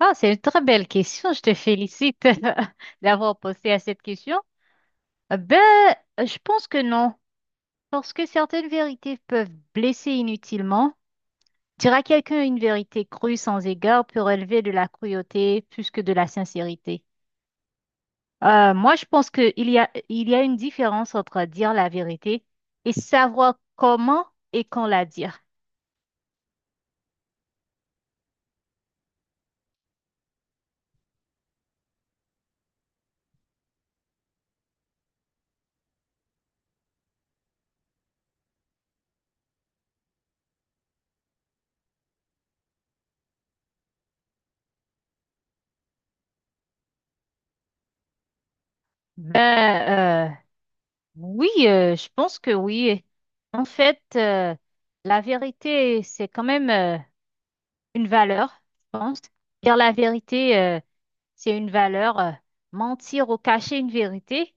Ah, c'est une très belle question. Je te félicite d'avoir posé à cette question. Euh, Ben, je pense que non, parce que certaines vérités peuvent blesser inutilement. Dire à quelqu'un une vérité crue sans égard peut relever de la cruauté plus que de la sincérité. Moi, je pense qu'il y a, il y a une différence entre dire la vérité et savoir comment et quand la dire. Ben, euh, Oui, je pense que oui. En fait, la vérité, c'est quand même une valeur, je pense. Dire la vérité, c'est une valeur. Mentir ou cacher une vérité,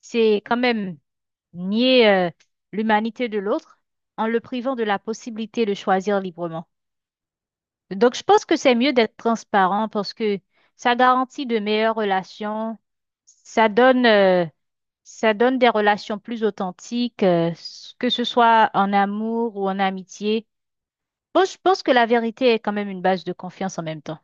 c'est quand même nier l'humanité de l'autre en le privant de la possibilité de choisir librement. Donc, je pense que c'est mieux d'être transparent parce que ça garantit de meilleures relations, ça donne, euh, ça donne des relations plus authentiques, que ce soit en amour ou en amitié. Bon, je pense que la vérité est quand même une base de confiance en même temps.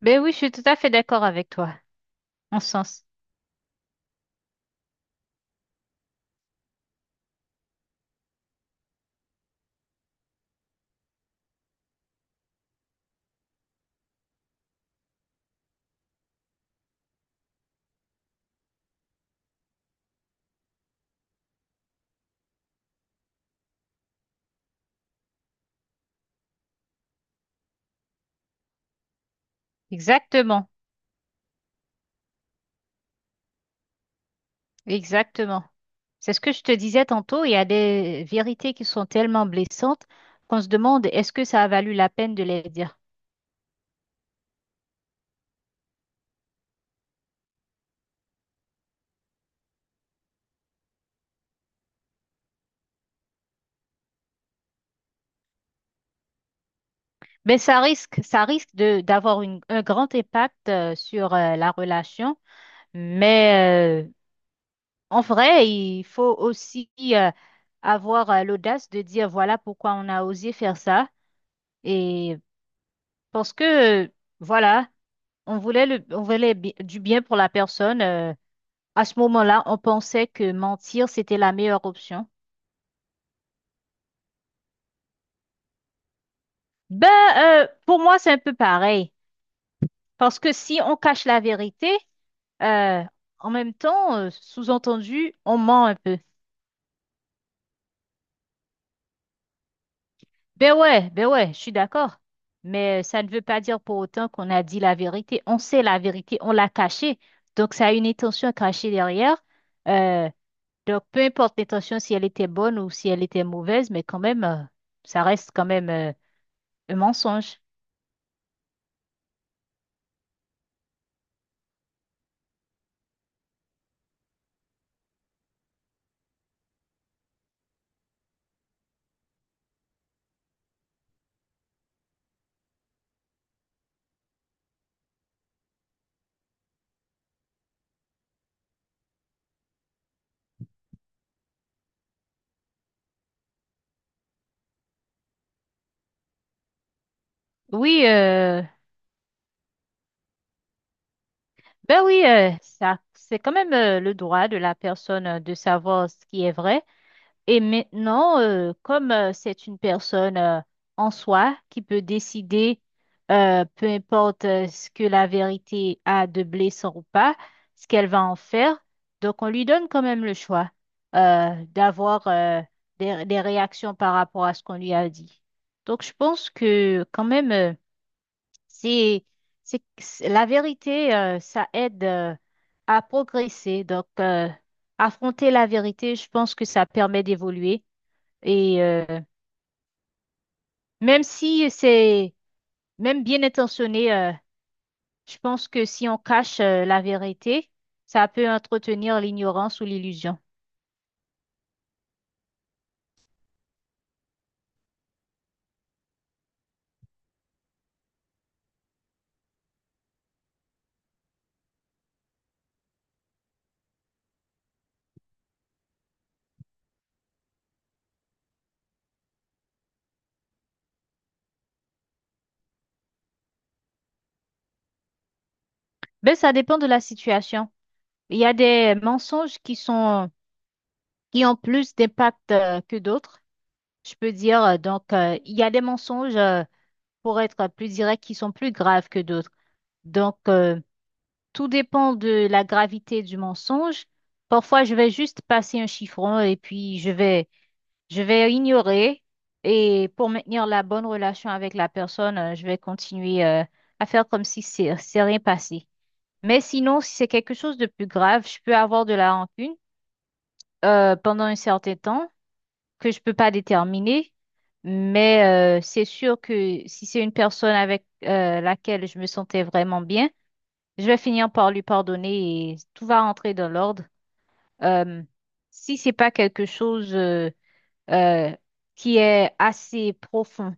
Ben oui, je suis tout à fait d'accord avec toi, en ce sens. Exactement, exactement. C'est ce que je te disais tantôt, il y a des vérités qui sont tellement blessantes qu'on se demande est-ce que ça a valu la peine de les dire. Ça risque de d'avoir un grand impact sur la relation. Mais en vrai, il faut aussi avoir l'audace de dire voilà pourquoi on a osé faire ça. Et parce que voilà, on voulait du bien pour la personne. À ce moment-là, on pensait que mentir, c'était la meilleure option. Ben, pour moi, c'est un peu pareil. Parce que si on cache la vérité, Euh, en même temps, sous-entendu, on ment un peu. Ben ouais, je suis d'accord. Mais ça ne veut pas dire pour autant qu'on a dit la vérité. On sait la vérité, on l'a cachée. Donc, ça a une intention cachée derrière. Euh, donc, peu importe l'intention, si elle était bonne ou si elle était mauvaise, mais quand même, ça reste quand même un mensonge. Oui, ben oui, ça, c'est quand même le droit de la personne de savoir ce qui est vrai. Et maintenant, comme c'est une personne en soi qui peut décider, peu importe ce que la vérité a de blessant ou pas, ce qu'elle va en faire, donc on lui donne quand même le choix d'avoir des réactions par rapport à ce qu'on lui a dit. Donc je pense que quand même, c'est, la vérité, ça aide à progresser. Donc affronter la vérité, je pense que ça permet d'évoluer et même si c'est même bien intentionné, je pense que si on cache la vérité, ça peut entretenir l'ignorance ou l'illusion. Ben ça dépend de la situation. Il y a des mensonges qui sont qui ont plus d'impact que d'autres, je peux dire. Donc, il y a des mensonges pour être plus direct qui sont plus graves que d'autres. Donc, tout dépend de la gravité du mensonge. Parfois, je vais juste passer un chiffon et puis je vais je vais ignorer et pour maintenir la bonne relation avec la personne, je vais continuer à faire comme si c'est rien passé. Mais sinon, si c'est quelque chose de plus grave, je peux avoir de la rancune pendant un certain temps que je peux pas déterminer. Mais c'est sûr que si c'est une personne avec laquelle je me sentais vraiment bien, je vais finir par lui pardonner et tout va rentrer dans l'ordre. Euh, Si c'est pas quelque chose euh, qui est assez profond.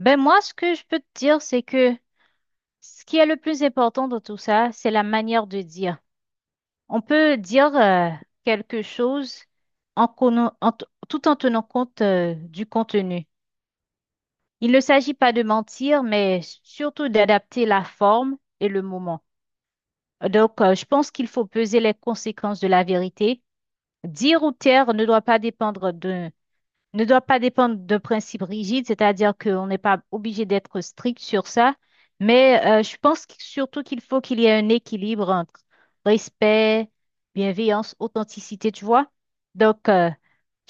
Ben moi, ce que je peux te dire, c'est que ce qui est le plus important dans tout ça, c'est la manière de dire. On peut dire quelque chose en, conna- en t- tout en tenant compte du contenu. Il ne s'agit pas de mentir, mais surtout d'adapter la forme et le moment. Donc, je pense qu'il faut peser les conséquences de la vérité. Dire ou taire ne doit pas dépendre de principes rigides, c'est-à-dire qu'on n'est pas obligé d'être strict sur ça, mais je pense surtout qu'il faut qu'il y ait un équilibre entre respect, bienveillance, authenticité, tu vois. Donc,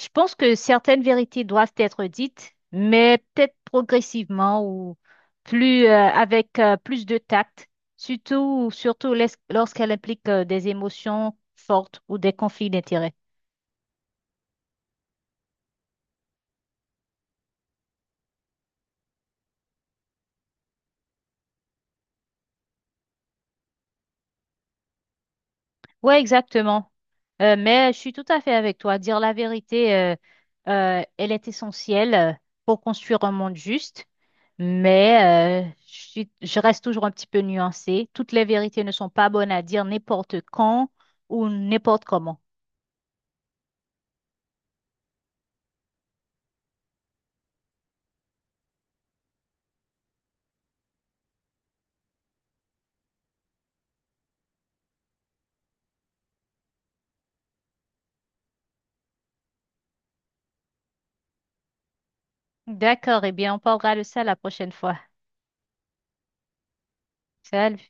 je pense que certaines vérités doivent être dites, mais peut-être progressivement ou plus avec plus de tact, surtout lorsqu'elles impliquent des émotions fortes ou des conflits d'intérêts. Ouais, exactement. Mais je suis tout à fait avec toi. Dire la vérité, elle est essentielle pour construire un monde juste. Mais je reste toujours un petit peu nuancée. Toutes les vérités ne sont pas bonnes à dire n'importe quand ou n'importe comment. D'accord, eh bien, on parlera de ça la prochaine fois. Salut.